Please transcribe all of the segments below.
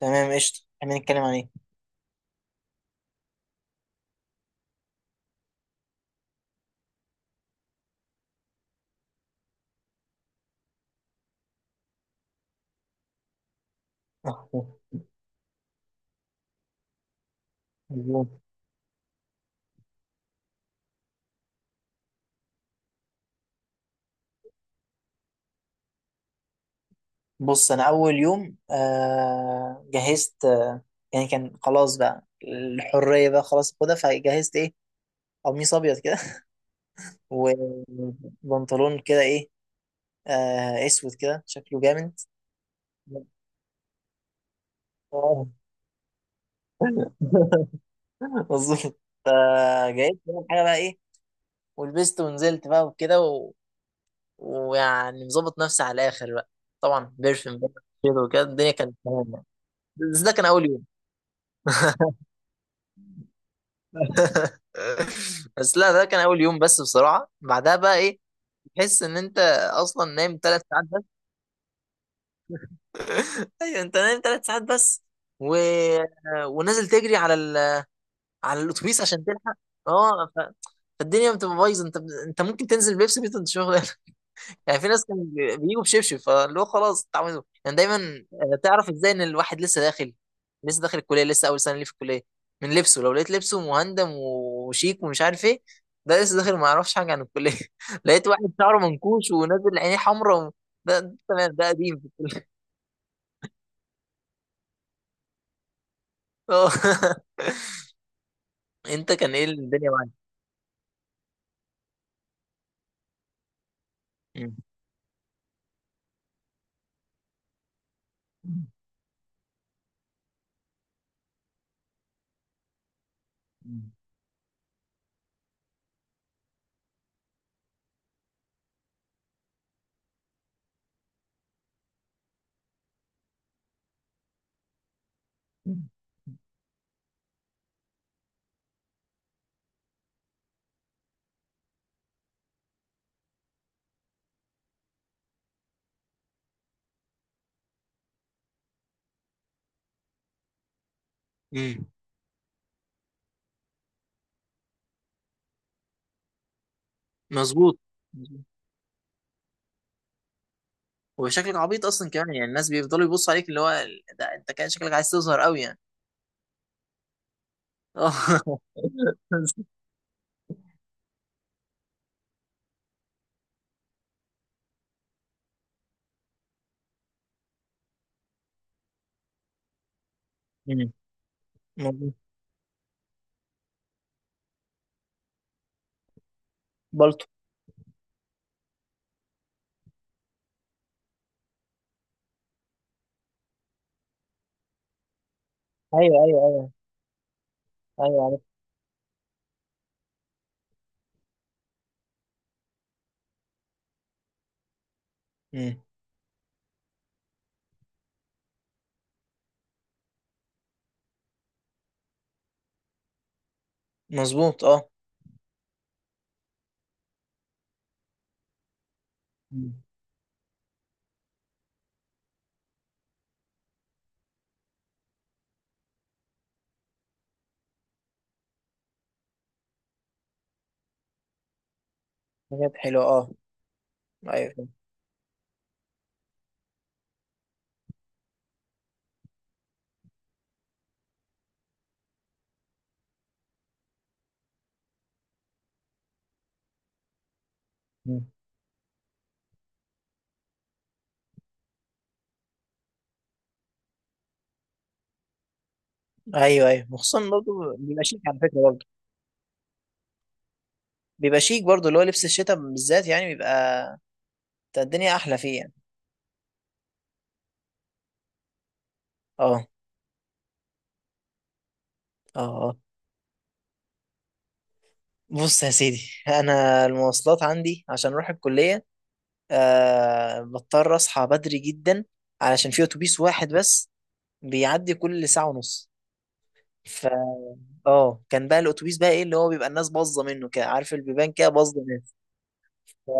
تمام قشطة، خلينا نتكلم عن ايه؟ بص، انا اول يوم جهزت. يعني كان خلاص بقى الحرية بقى، خلاص خدها، فجهزت ايه، قميص ابيض كده. وبنطلون كده ايه، اسود كده شكله جامد. آه. مظبوط. فجهزت كل حاجة بقى ايه، ولبست ونزلت بقى وكده و... ويعني مظبط نفسي على الاخر بقى. طبعا بيرفيوم بقى، كده وكده الدنيا كانت تمام يعني. بس ده كان اول يوم. بس لا، ده كان اول يوم بس، بصراحه بعدها بقى ايه، تحس ان انت اصلا نايم 3 ساعات بس. ايوه، انت نايم 3 ساعات بس، و... ونازل تجري على ال... على الاتوبيس عشان تلحق. اه ف... فالدنيا بتبقى بايظه، انت انت ممكن تنزل بيبسي بيت انت شغل. يعني في ناس كانوا بيجوا بشبشب، فاللي هو خلاص اتعودوا يعني دايما، تعرف ازاي ان الواحد لسه داخل، لسه داخل الكليه، لسه اول سنه ليه في الكليه، من لبسه. لو لقيت لبسه مهندم وشيك ومش عارف ايه، ده لسه داخل ما يعرفش حاجه عن الكليه. لقيت واحد شعره منكوش ونازل عينيه حمراء و... ده تمام ده قديم في الكليه. اه. انت كان ايه الدنيا معاك؟ مم. مم. مظبوط. وشكلك عبيط اصلا كمان يعني، الناس بيفضلوا يبصوا عليك اللي هو، ده انت كان شكلك عايز تظهر قوي يعني. اه. مم. مظبوط. بالطو. ايوه ايوه ايوه. ايوه عارف. مم. مظبوط. اه. مم. حاجات حلوه، اه. ايوه فاهم. مم. ايوه ايوه، وخصوصا برضه بيبقى شيك على فكره برضه. بيبقى شيك برضه، اللي هو لبس الشتاء بالذات يعني بيبقى بتاع الدنيا احلى فيه يعني. اه اه اه. بص يا سيدي، انا المواصلات عندي عشان اروح الكليه، بضطر اصحى بدري جدا، علشان في اتوبيس واحد بس بيعدي كل ساعه ونص. اه، كان بقى الاتوبيس بقى ايه اللي هو، بيبقى الناس باظه منه كده، عارف البيبان كده باظه ناس. ف...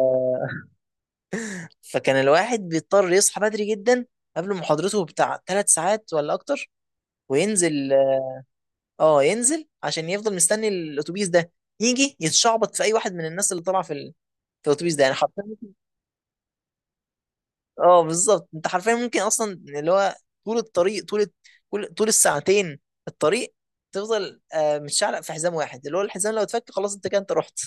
فكان الواحد بيضطر يصحى بدري جدا قبل محاضرته بتاع 3 ساعات ولا اكتر. وينزل، اه، ينزل عشان يفضل مستني الاتوبيس ده يجي، يتشعبط في اي واحد من الناس اللي طالعه في ال... في الاتوبيس ده، يعني حرفيا. اه بالظبط، انت حرفيا ممكن اصلا اللي هو، طول الطريق، طول كل طول الساعتين الطريق تفضل متشعلق في حزام واحد، اللي هو الحزام لو اتفك خلاص انت كده انت رحت.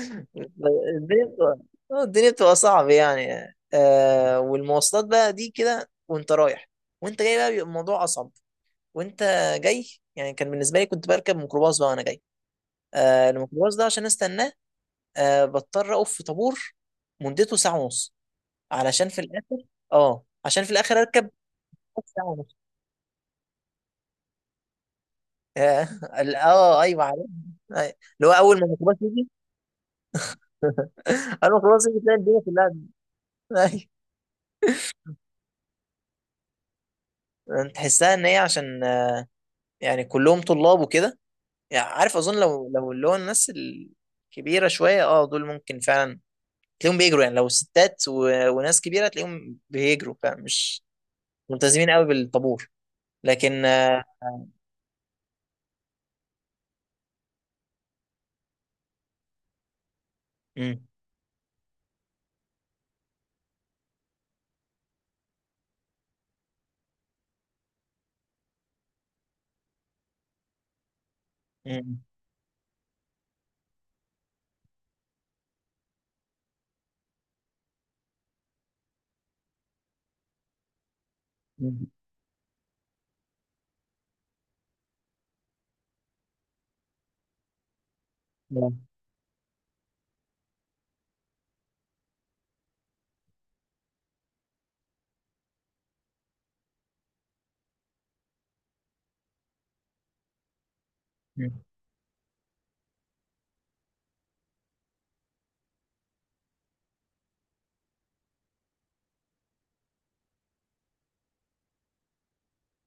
الدنيا بتبقى، الدنيا بتبقى صعبة يعني، والمواصلات بقى دي كده وانت رايح، وانت جاي بقى بيبقى الموضوع اصعب. وانت جاي، يعني كان بالنسبة لي كنت بركب ميكروباص بقى وانا جاي. الميكروباص ده، عشان استناه بضطر اقف في طابور، مدته ساعة ونص، علشان في الاخر، اه عشان في الاخر اركب. ساعه ونص. اه، ايوه عارف. أيوة. اللي هو اول ما الميكروباص يجي، اول ما الميكروباص يجي تلاقي الدنيا كلها. أيوة. يعني تحسها ان هي عشان، يعني كلهم طلاب وكده. يعني عارف اظن، لو اللي هو الناس الكبيره شويه، دول ممكن فعلا تلاقيهم بيجروا، يعني لو ستات و... وناس كبيره تلاقيهم بيجروا فعلا، مش ملتزمين قوي بالطابور. لكن آه، مم، مم، مم، مم، مم.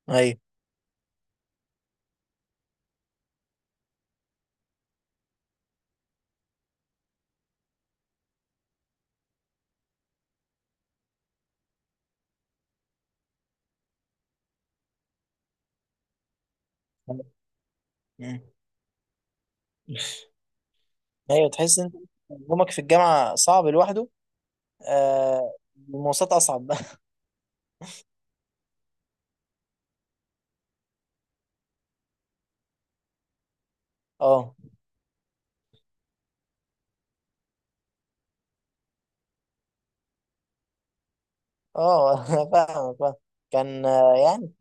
ايوه. مم. ايوه، تحس ان يومك في الجامعه صعب لوحده. آه المواصلات اصعب. اه اه. أنا فاهمك، فاهم. كان يعني،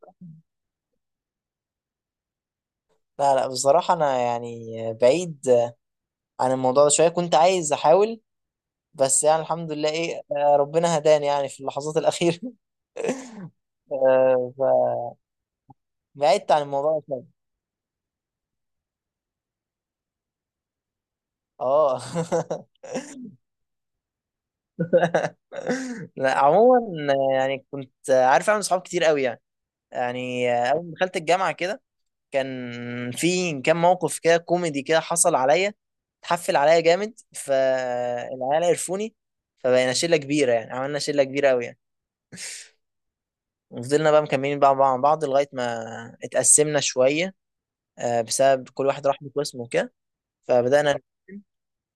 لا لا، بصراحه انا يعني بعيد، عن الموضوع ده شويه. كنت عايز احاول، بس يعني الحمد لله ايه، ربنا هداني يعني في اللحظات الاخيره. آه. فبعدت عن الموضوع ده شويه. اه. لا عموما، يعني كنت عارف اعمل صحاب كتير قوي يعني. يعني اول ما دخلت الجامعه كده، كان موقف كده كوميدي كده حصل عليا، اتحفل عليا جامد فالعيال عرفوني، فبقينا شلة كبيرة يعني، عملنا شلة كبيرة أوي يعني. وفضلنا بقى مكملين بقى مع بعض لغاية ما اتقسمنا شوية، بسبب كل واحد راح بقسمه كده. فبدأنا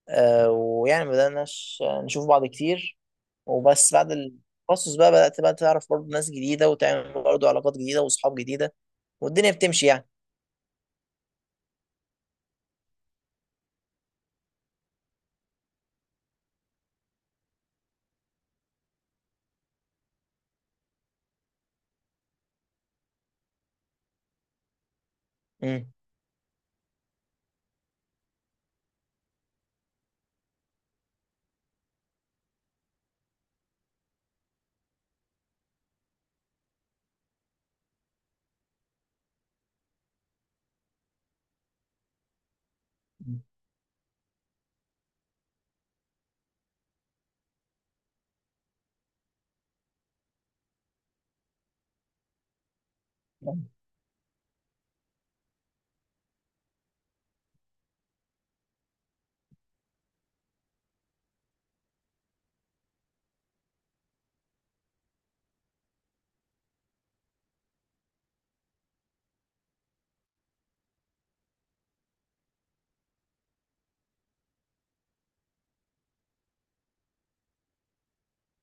ويعني بدأنا نشوف بعض كتير. وبس بعد التخصص بقى بدأت بقى تعرف برضه ناس جديدة، وتعمل برضه علاقات جديدة وأصحاب جديدة والدنيا بتمشي يعني. امم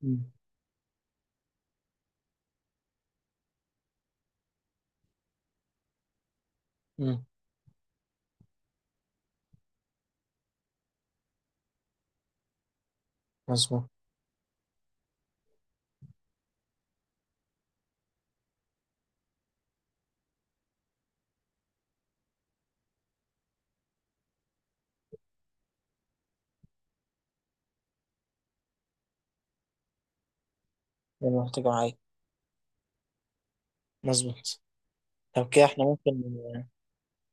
امم امم. مظبوط. يلا محتاجة معايا. مظبوط. لو كده احنا ممكن،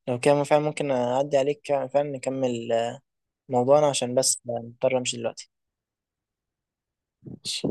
لو كده فعلا ممكن أعدي عليك، فعلا نكمل موضوعنا، عشان بس مضطر أمشي دلوقتي. ماشي.